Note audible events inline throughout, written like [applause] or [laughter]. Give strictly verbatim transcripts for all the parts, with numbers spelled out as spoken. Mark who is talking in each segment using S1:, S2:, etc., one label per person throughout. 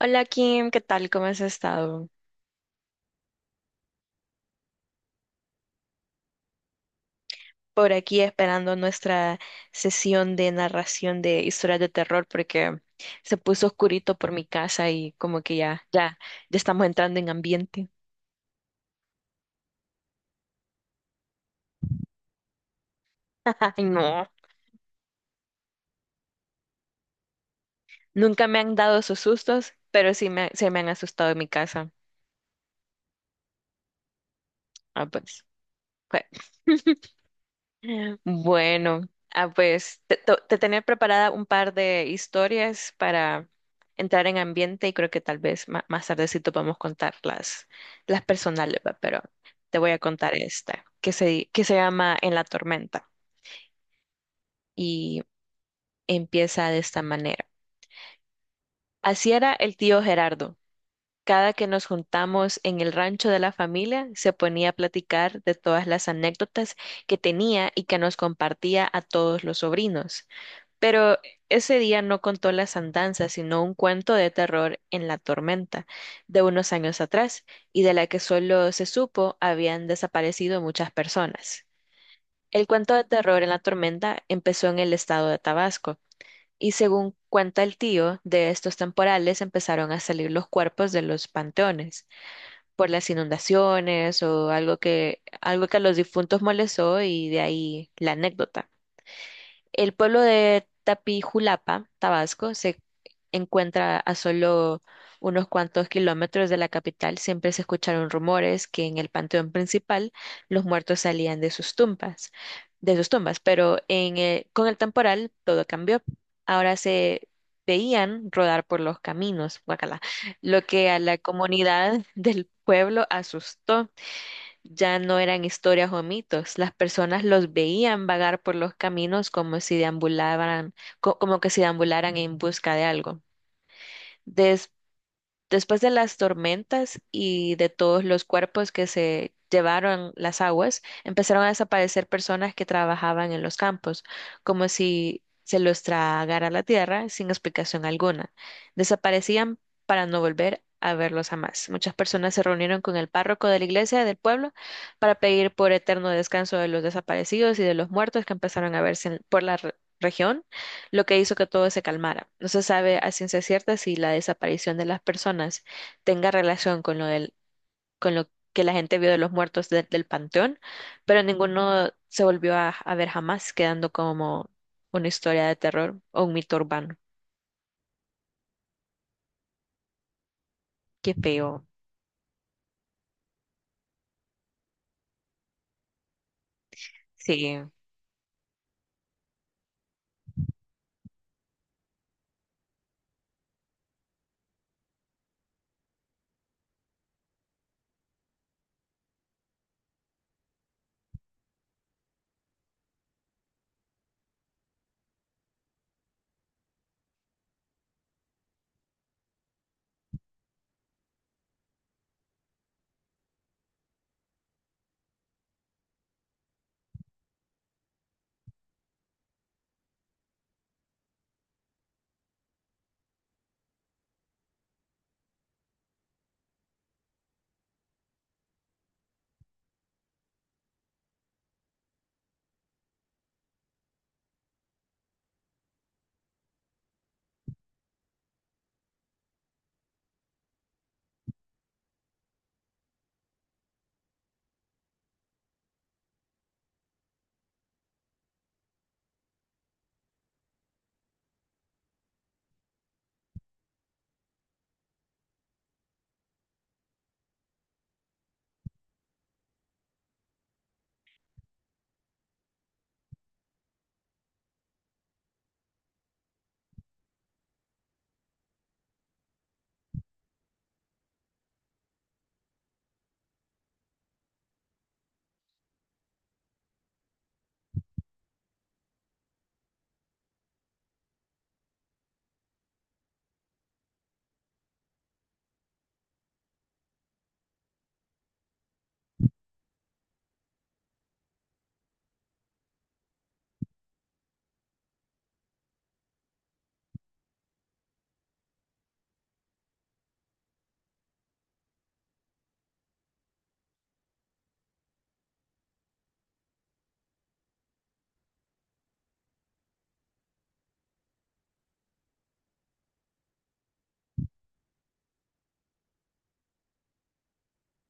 S1: Hola Kim, ¿qué tal? ¿Cómo has estado? Por aquí esperando nuestra sesión de narración de historias de terror porque se puso oscurito por mi casa y como que ya, ya, ya estamos entrando en ambiente. [laughs] Ay, no, nunca me han dado esos sustos, pero sí me, se me han asustado en mi casa. Ah, pues fue. [laughs] Bueno, ah, pues te, to- te tenía preparada un par de historias para entrar en ambiente y creo que tal vez ma- más tardecito podemos contar las, las personales, ¿va? Pero te voy a contar esta, que se, que se llama En la tormenta, y empieza de esta manera. Así era el tío Gerardo. Cada que nos juntamos en el rancho de la familia, se ponía a platicar de todas las anécdotas que tenía y que nos compartía a todos los sobrinos. Pero ese día no contó las andanzas, sino un cuento de terror en la tormenta de unos años atrás, y de la que solo se supo habían desaparecido muchas personas. El cuento de terror en la tormenta empezó en el estado de Tabasco, y según cuenta el tío, de estos temporales empezaron a salir los cuerpos de los panteones por las inundaciones o algo que, algo que a los difuntos molestó, y de ahí la anécdota. El pueblo de Tapijulapa, Tabasco, se encuentra a solo unos cuantos kilómetros de la capital. Siempre se escucharon rumores que en el panteón principal los muertos salían de sus tumbas, de sus tumbas, pero en el- con el temporal todo cambió. Ahora se veían rodar por los caminos, guacala, lo que a la comunidad [laughs] del pueblo asustó. Ya no eran historias o mitos, las personas los veían vagar por los caminos como si deambularan, co- como que si deambularan en busca de algo. Después de las tormentas y de todos los cuerpos que se llevaron las aguas, empezaron a desaparecer personas que trabajaban en los campos, como si se los tragara la tierra sin explicación alguna. Desaparecían para no volver a verlos jamás. Muchas personas se reunieron con el párroco de la iglesia del pueblo para pedir por eterno descanso de los desaparecidos y de los muertos que empezaron a verse en- por la re- región, lo que hizo que todo se calmara. No se sabe a ciencia cierta si la desaparición de las personas tenga relación con lo del, con lo que la gente vio de los muertos de- del panteón, pero ninguno se volvió a, a ver jamás, quedando como una historia de terror o un mito urbano. Qué feo. Sí.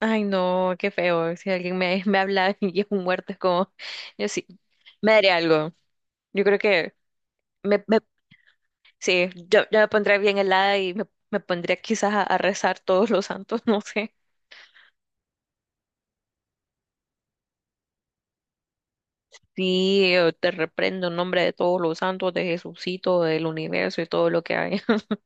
S1: Ay, no, qué feo. Si alguien me, me habla [laughs] y es un muerto, es como, yo sí, me daría algo. Yo creo que me, me Sí, yo, yo me pondría bien helada y me, me pondría quizás a, a rezar todos los santos, [laughs] no sé. Sí, yo te reprendo en nombre de todos los santos, de Jesucito, del universo y todo lo que hay. [laughs]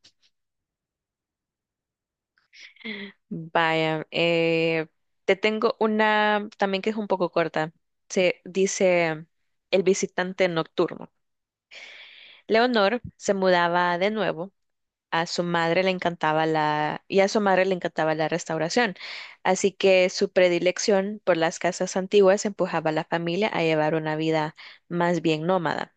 S1: Vaya, eh, te tengo una también que es un poco corta. Se dice El visitante nocturno. Leonor se mudaba de nuevo, a su madre le encantaba la, y a su madre le encantaba la restauración. Así que su predilección por las casas antiguas empujaba a la familia a llevar una vida más bien nómada.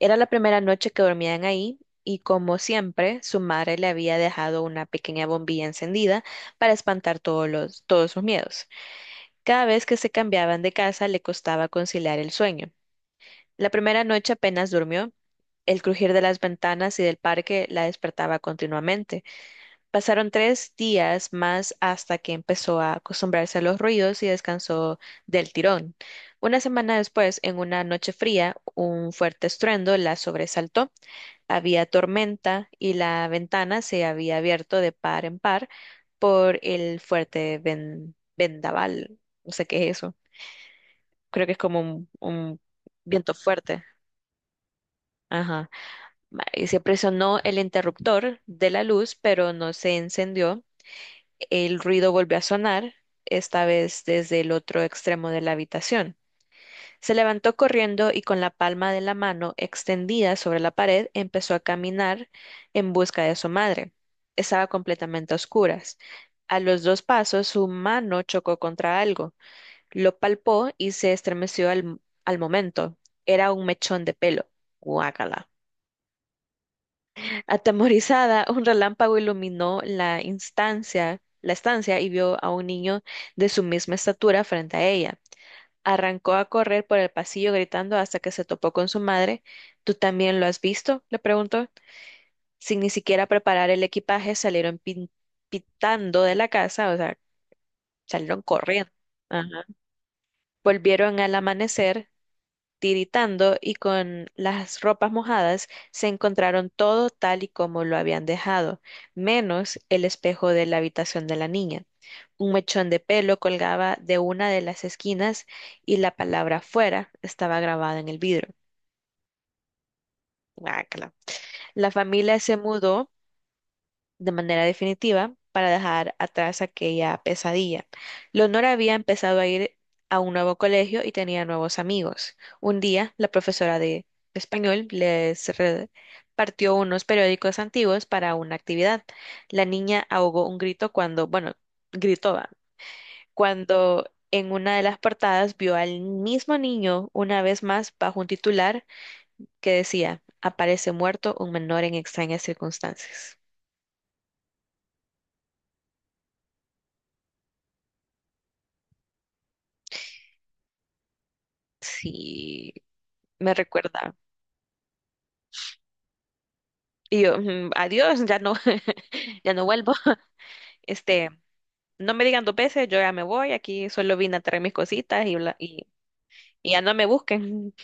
S1: Era la primera noche que dormían ahí y, como siempre, su madre le había dejado una pequeña bombilla encendida para espantar todos los, todos sus miedos. Cada vez que se cambiaban de casa le costaba conciliar el sueño. La primera noche apenas durmió. El crujir de las ventanas y del parque la despertaba continuamente. Pasaron tres días más hasta que empezó a acostumbrarse a los ruidos y descansó del tirón. Una semana después, en una noche fría, un fuerte estruendo la sobresaltó. Había tormenta y la ventana se había abierto de par en par por el fuerte ven- vendaval. No sé qué es eso. Creo que es como un, un viento fuerte. Ajá. Y se presionó el interruptor de la luz, pero no se encendió. El ruido volvió a sonar, esta vez desde el otro extremo de la habitación. Se levantó corriendo y con la palma de la mano extendida sobre la pared empezó a caminar en busca de su madre. Estaba completamente a oscuras. A los dos pasos su mano chocó contra algo. Lo palpó y se estremeció al, al momento. Era un mechón de pelo. Guácala. Atemorizada, un relámpago iluminó la instancia, la estancia y vio a un niño de su misma estatura frente a ella. Arrancó a correr por el pasillo gritando hasta que se topó con su madre. ¿Tú también lo has visto?, le preguntó. Sin ni siquiera preparar el equipaje, salieron pin- pitando de la casa, o sea, salieron corriendo. Ajá. Volvieron al amanecer, tiritando y con las ropas mojadas, se encontraron todo tal y como lo habían dejado, menos el espejo de la habitación de la niña. Un mechón de pelo colgaba de una de las esquinas y la palabra fuera estaba grabada en el vidrio. Guácala. La familia se mudó de manera definitiva para dejar atrás aquella pesadilla. Leonor había empezado a ir a un nuevo colegio y tenía nuevos amigos. Un día, la profesora de español les repartió unos periódicos antiguos para una actividad. La niña ahogó un grito cuando, bueno, gritó, va, cuando en una de las portadas vio al mismo niño una vez más bajo un titular que decía, aparece muerto un menor en extrañas circunstancias. Sí, me recuerda. Y yo, "Mm, adiós, ya no, [laughs] ya no vuelvo". [laughs] Este, no me digan dos veces, yo ya me voy, aquí solo vine a traer mis cositas y, bla- y, y ya no me busquen.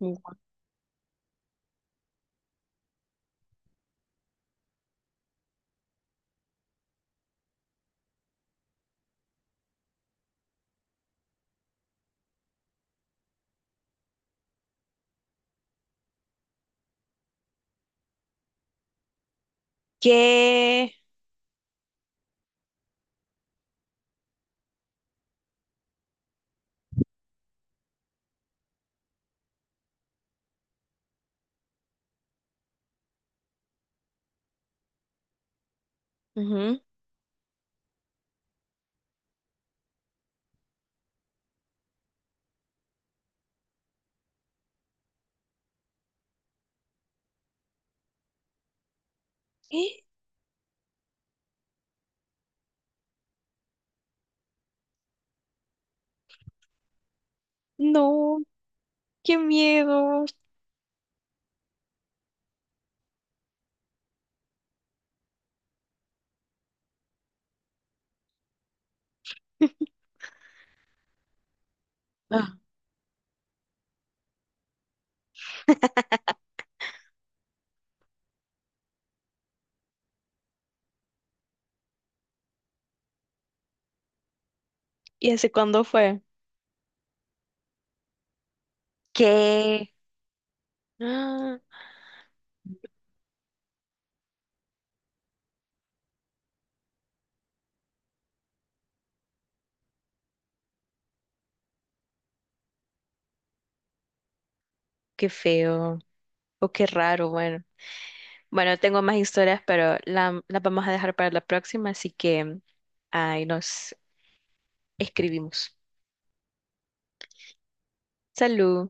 S1: [laughs] ¿Qué? Ujú. ¡Eh! No, qué miedo. Ah, ¿y hace cuándo fue? ¿Qué? Ah, qué feo. O qué raro, bueno. Bueno, tengo más historias, pero la- las vamos a dejar para la próxima, así que ahí nos escribimos. Salud.